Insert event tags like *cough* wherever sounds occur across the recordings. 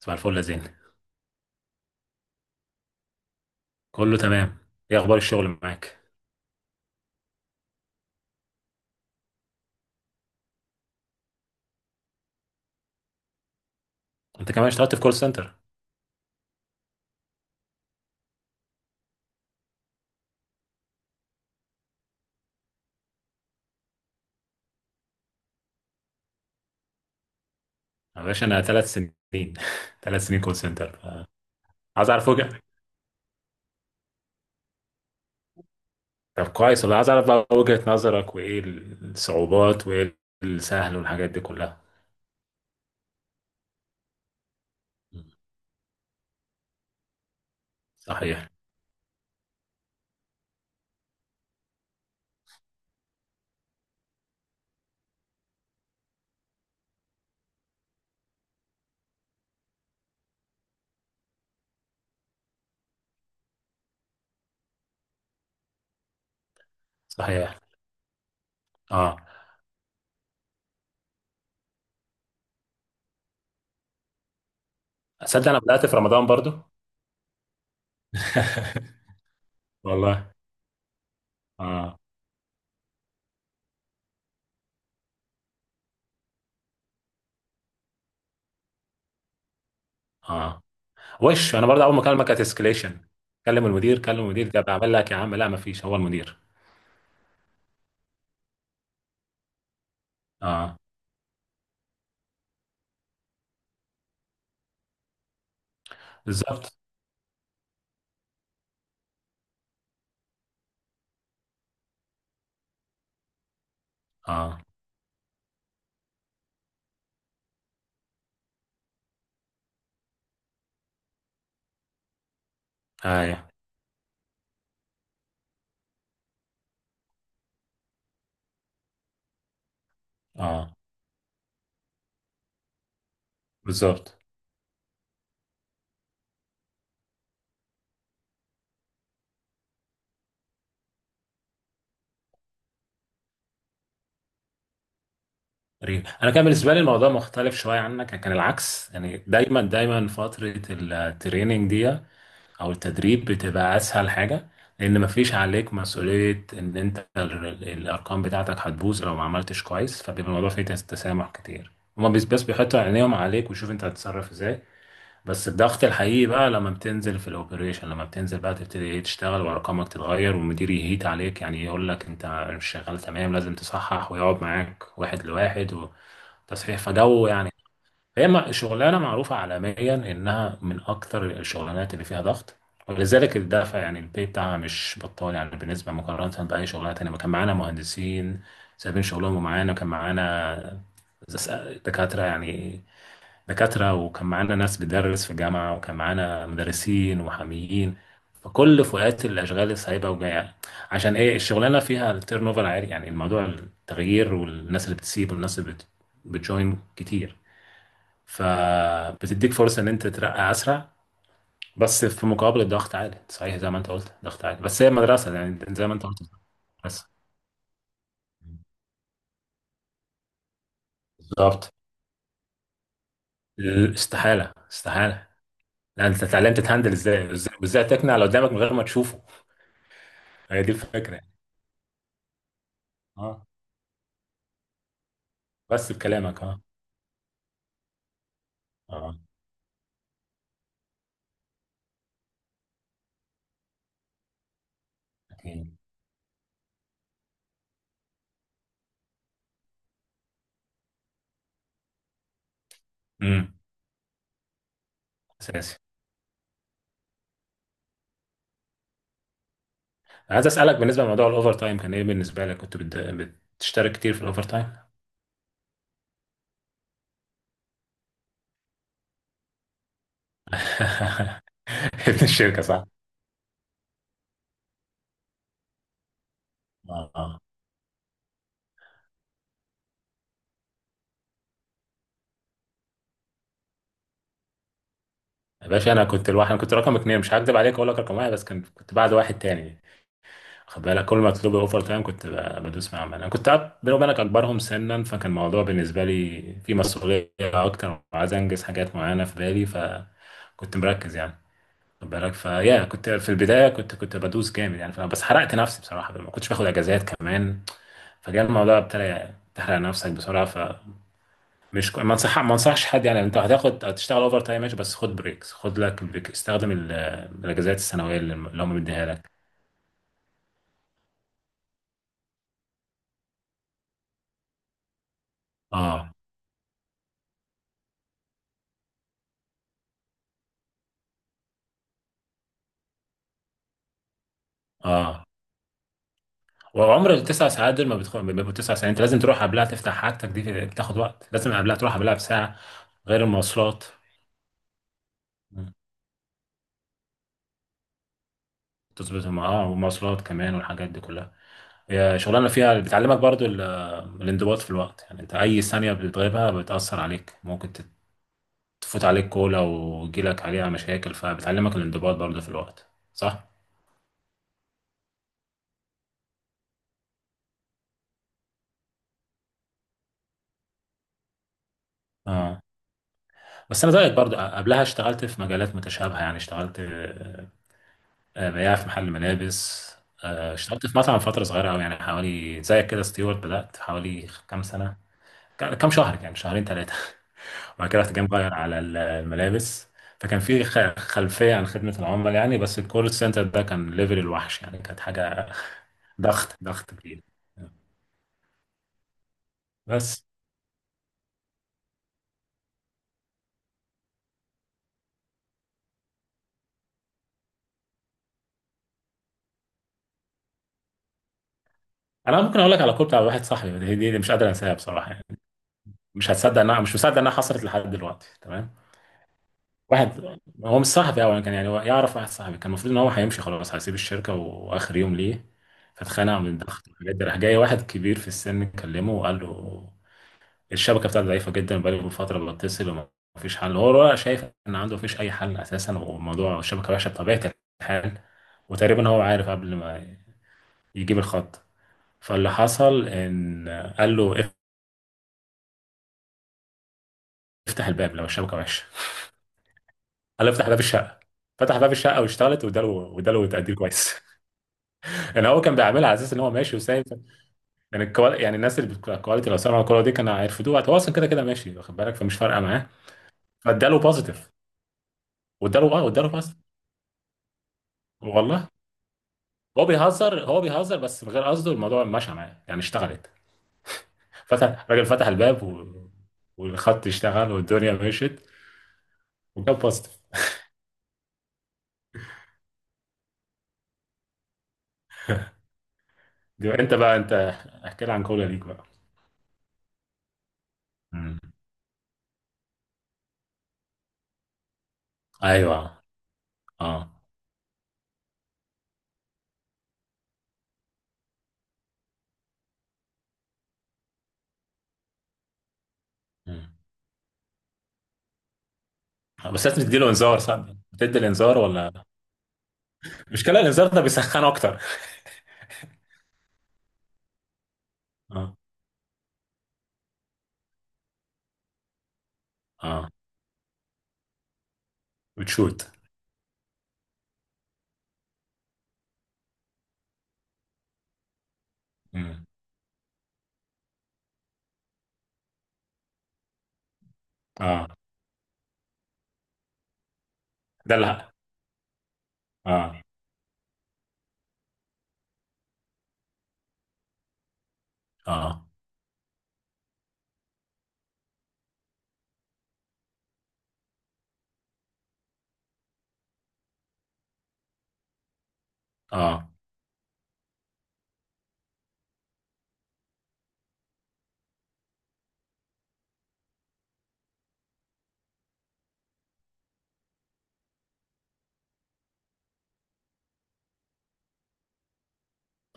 صباح الفل يا زين. كله تمام. ايه اخبار الشغل معاك؟ انت كمان اشتغلت في كول سنتر؟ يا باشا انا ثلاث سنين *laughs* ثلاث سنين كول سنتر عايز اعرف وجهة. طب كويس والله، عايز اعرف بقى وجهة نظرك، وايه الصعوبات وايه السهل والحاجات دي كلها. صحيح. صحيح. اه. اصدق انا بدأت في رمضان برضو. *laughs* والله. اه. اه. وش انا برضه اول ما اكلمك كانت اسكليشن، كلم المدير كلم المدير، ده بعمل لك يا عم. لا، ما فيش هو المدير. اه، بالظبط. اه. ايوه. اه. بالظبط. غريب، انا كان بالنسبه لي الموضوع مختلف شويه عنك، كان العكس يعني. دايما دايما فتره التريننج دي او التدريب بتبقى اسهل حاجه، لان مفيش عليك مسؤوليه ان انت الارقام بتاعتك هتبوظ لو ما عملتش كويس، فبيبقى الموضوع فيه تسامح كتير. هما بس بس بيحطوا عينيهم عليك ويشوف انت هتتصرف ازاي. بس الضغط الحقيقي بقى لما بتنزل في الاوبريشن، لما بتنزل بقى تبتدي ايه تشتغل، وارقامك تتغير والمدير يهيت عليك، يعني يقول لك انت مش شغال تمام، لازم تصحح ويقعد معاك واحد لواحد، وتصحيح فجو يعني. هي شغلانه معروفه عالميا انها من اكتر الشغلانات اللي فيها ضغط، ولذلك الدافع يعني البي بتاعها مش بطال يعني، بالنسبه مقارنه باي شغلانه تانيه. ما كان معانا مهندسين سايبين شغلهم، ومعانا كان معانا دكاتره يعني، دكاترة، وكان معانا ناس بتدرس في جامعة، وكان معانا مدرسين ومحاميين. فكل فئات الأشغال سايبة وجاية. عشان إيه؟ الشغلانة فيها التيرن اوفر عالي، يعني الموضوع التغيير، والناس اللي بتسيب والناس اللي بتجوين كتير، فبتديك فرصة إن أنت تترقى أسرع. بس في مقابل الضغط عالي. صحيح، زي ما أنت قلت ضغط عالي، بس هي مدرسة يعني، زي ما أنت قلت. مدرسة. بالظبط. استحالة، استحالة. لا، أنت اتعلمت تهندل إزاي وإزاي وإزاي، تقنع اللي قدامك من غير ما تشوفه. هي دي الفكرة. اه، بس بكلامك. اه. اه. اكيد. امم. اساسي. عايز اسالك بالنسبه لموضوع الاوفر تايم، كان ايه بالنسبه لك؟ كنت بتشترك كتير في الاوفر تايم؟ *laughs* ابن الشركه صح. اه. اه. يا باشا، انا كنت الواحد، انا كنت رقم اتنين، مش هكدب عليك، اقول لك رقم واحد، بس كنت بعد واحد تاني. خد بالك، كل ما اطلب اوفر تايم كنت بدوس معاهم. انا كنت بيني وبينك اكبرهم سنا، فكان الموضوع بالنسبه لي في مسؤوليه اكتر، وعايز انجز حاجات معينه في بالي، فكنت مركز يعني. خد بالك فيا كنت في البدايه، كنت بدوس جامد يعني، فبس حرقت نفسي بصراحه، ما كنتش باخد اجازات كمان. فجاء الموضوع ابتدى تحرق نفسك بسرعه، فمش ما انصحش حد يعني. انت هتاخد، هتشتغل اوفر تايم ماشي، بس خد بريكس، خد لك بريك، استخدم الاجازات السنويه اللي هم مديها لك. اه. اه. وعمر التسع ساعات دول ما بيبقوا تسع ساعات. انت لازم تروح قبلها تفتح حاجتك دي، بتاخد وقت، لازم قبلها تروح قبلها بساعه غير المواصلات. تظبط والمواصلات كمان والحاجات دي كلها. هي شغلانة فيها بتعلمك برضو الانضباط في الوقت. يعني انت اي ثانية بتغيبها بتأثر عليك، ممكن تفوت عليك كولا ويجيلك عليها مشاكل، فبتعلمك الانضباط برضو في الوقت. صح؟ اه. بس انا زيك برضو قبلها اشتغلت في مجالات متشابهة يعني. اشتغلت بياع في محل ملابس. اشتغلت في مطعم فترة صغيرة قوي يعني، حوالي زيك كده ستيوارت. بدأت حوالي كام سنة، كام شهر يعني، شهرين ثلاثة. وبعد كده رحت جاي مغير على الملابس. فكان في خلفية عن خدمة العملاء يعني، بس الكول سنتر ده كان ليفل الوحش يعني، كانت حاجة. *laughs* ضغط، ضغط كبير. بس انا ممكن اقول لك على كول بتاع واحد صاحبي، دي مش قادر انساها بصراحه يعني. مش هتصدق انها، مش مصدق انها حصلت لحد دلوقتي، تمام. واحد، هو مش صاحبي اولا، كان يعني هو يعرف واحد صاحبي، كان المفروض ان هو هيمشي خلاص، هيسيب الشركه، واخر يوم ليه فاتخانق من الضغط والحاجات دي. راح جاي واحد كبير في السن، كلمه وقال له الشبكه بتاعته ضعيفه جدا، بقاله من فتره بتصل، وما فيش حل، هو ولا شايف ان عنده فيش اي حل اساسا، وموضوع الشبكه وحشه بطبيعه الحال، وتقريبا هو عارف قبل ما يجيب الخط. فاللي حصل ان قال له افتح الباب لو الشبكه وحشه، قال له افتح باب الشقه. فتح باب الشقه واشتغلت، واداله تقدير كويس. *laughs* يعني هو كان بيعملها على اساس ان هو ماشي وسايب. يعني الناس اللي الكواليتي لو سمعوا الكوره دي كانوا هيرفضوها. هو اصلا كده كده ماشي واخد بالك، فمش فارقه معاه. فاداله بوزيتيف، واداله، واداله بوزيتيف. والله. هو بيهزر، هو بيهزر بس من غير قصده، الموضوع مشى معاه يعني، اشتغلت. فتح الراجل فتح الباب و... والخط اشتغل والدنيا مشيت، وكان بوزيتيف. انت بقى انت، احكي لي عن كولا ليك بقى. مم. ايوه. اه. مم. بس لازم تديله انذار، صح؟ بتدي الانذار ولا؟ المشكله الانذار ده بيسخن اكتر. *laughs* اه. اه. بتشوت. مم. اه. ده لا. اه. اه. اه.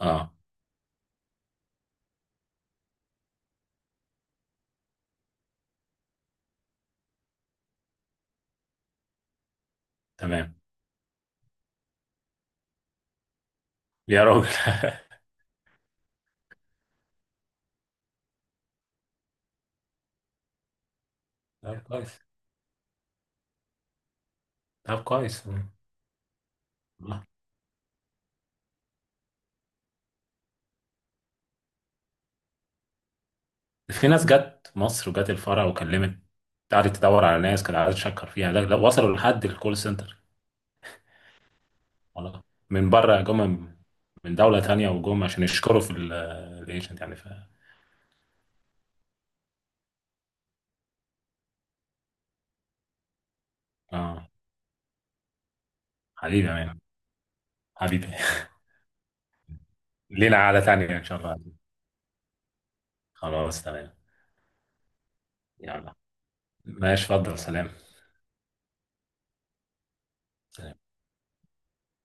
اه. تمام. يا راجل. *laughs* طب كويس. طب كويس. مم. في ناس جت مصر وجت الفرع وكلمت، قعدت تدور على ناس كانت قاعدة تشكر فيها، ده وصلوا لحد الكول سنتر. والله. من بره جم، من دولة تانية، وجم عشان يشكروا في الايجنت يعني. ف اه حبيبي يا مان. حبيبي. *laughs* لينا قعدة تانية ان شاء الله. خلاص تمام. يلا. ماشي، اتفضل، سلام. سلام.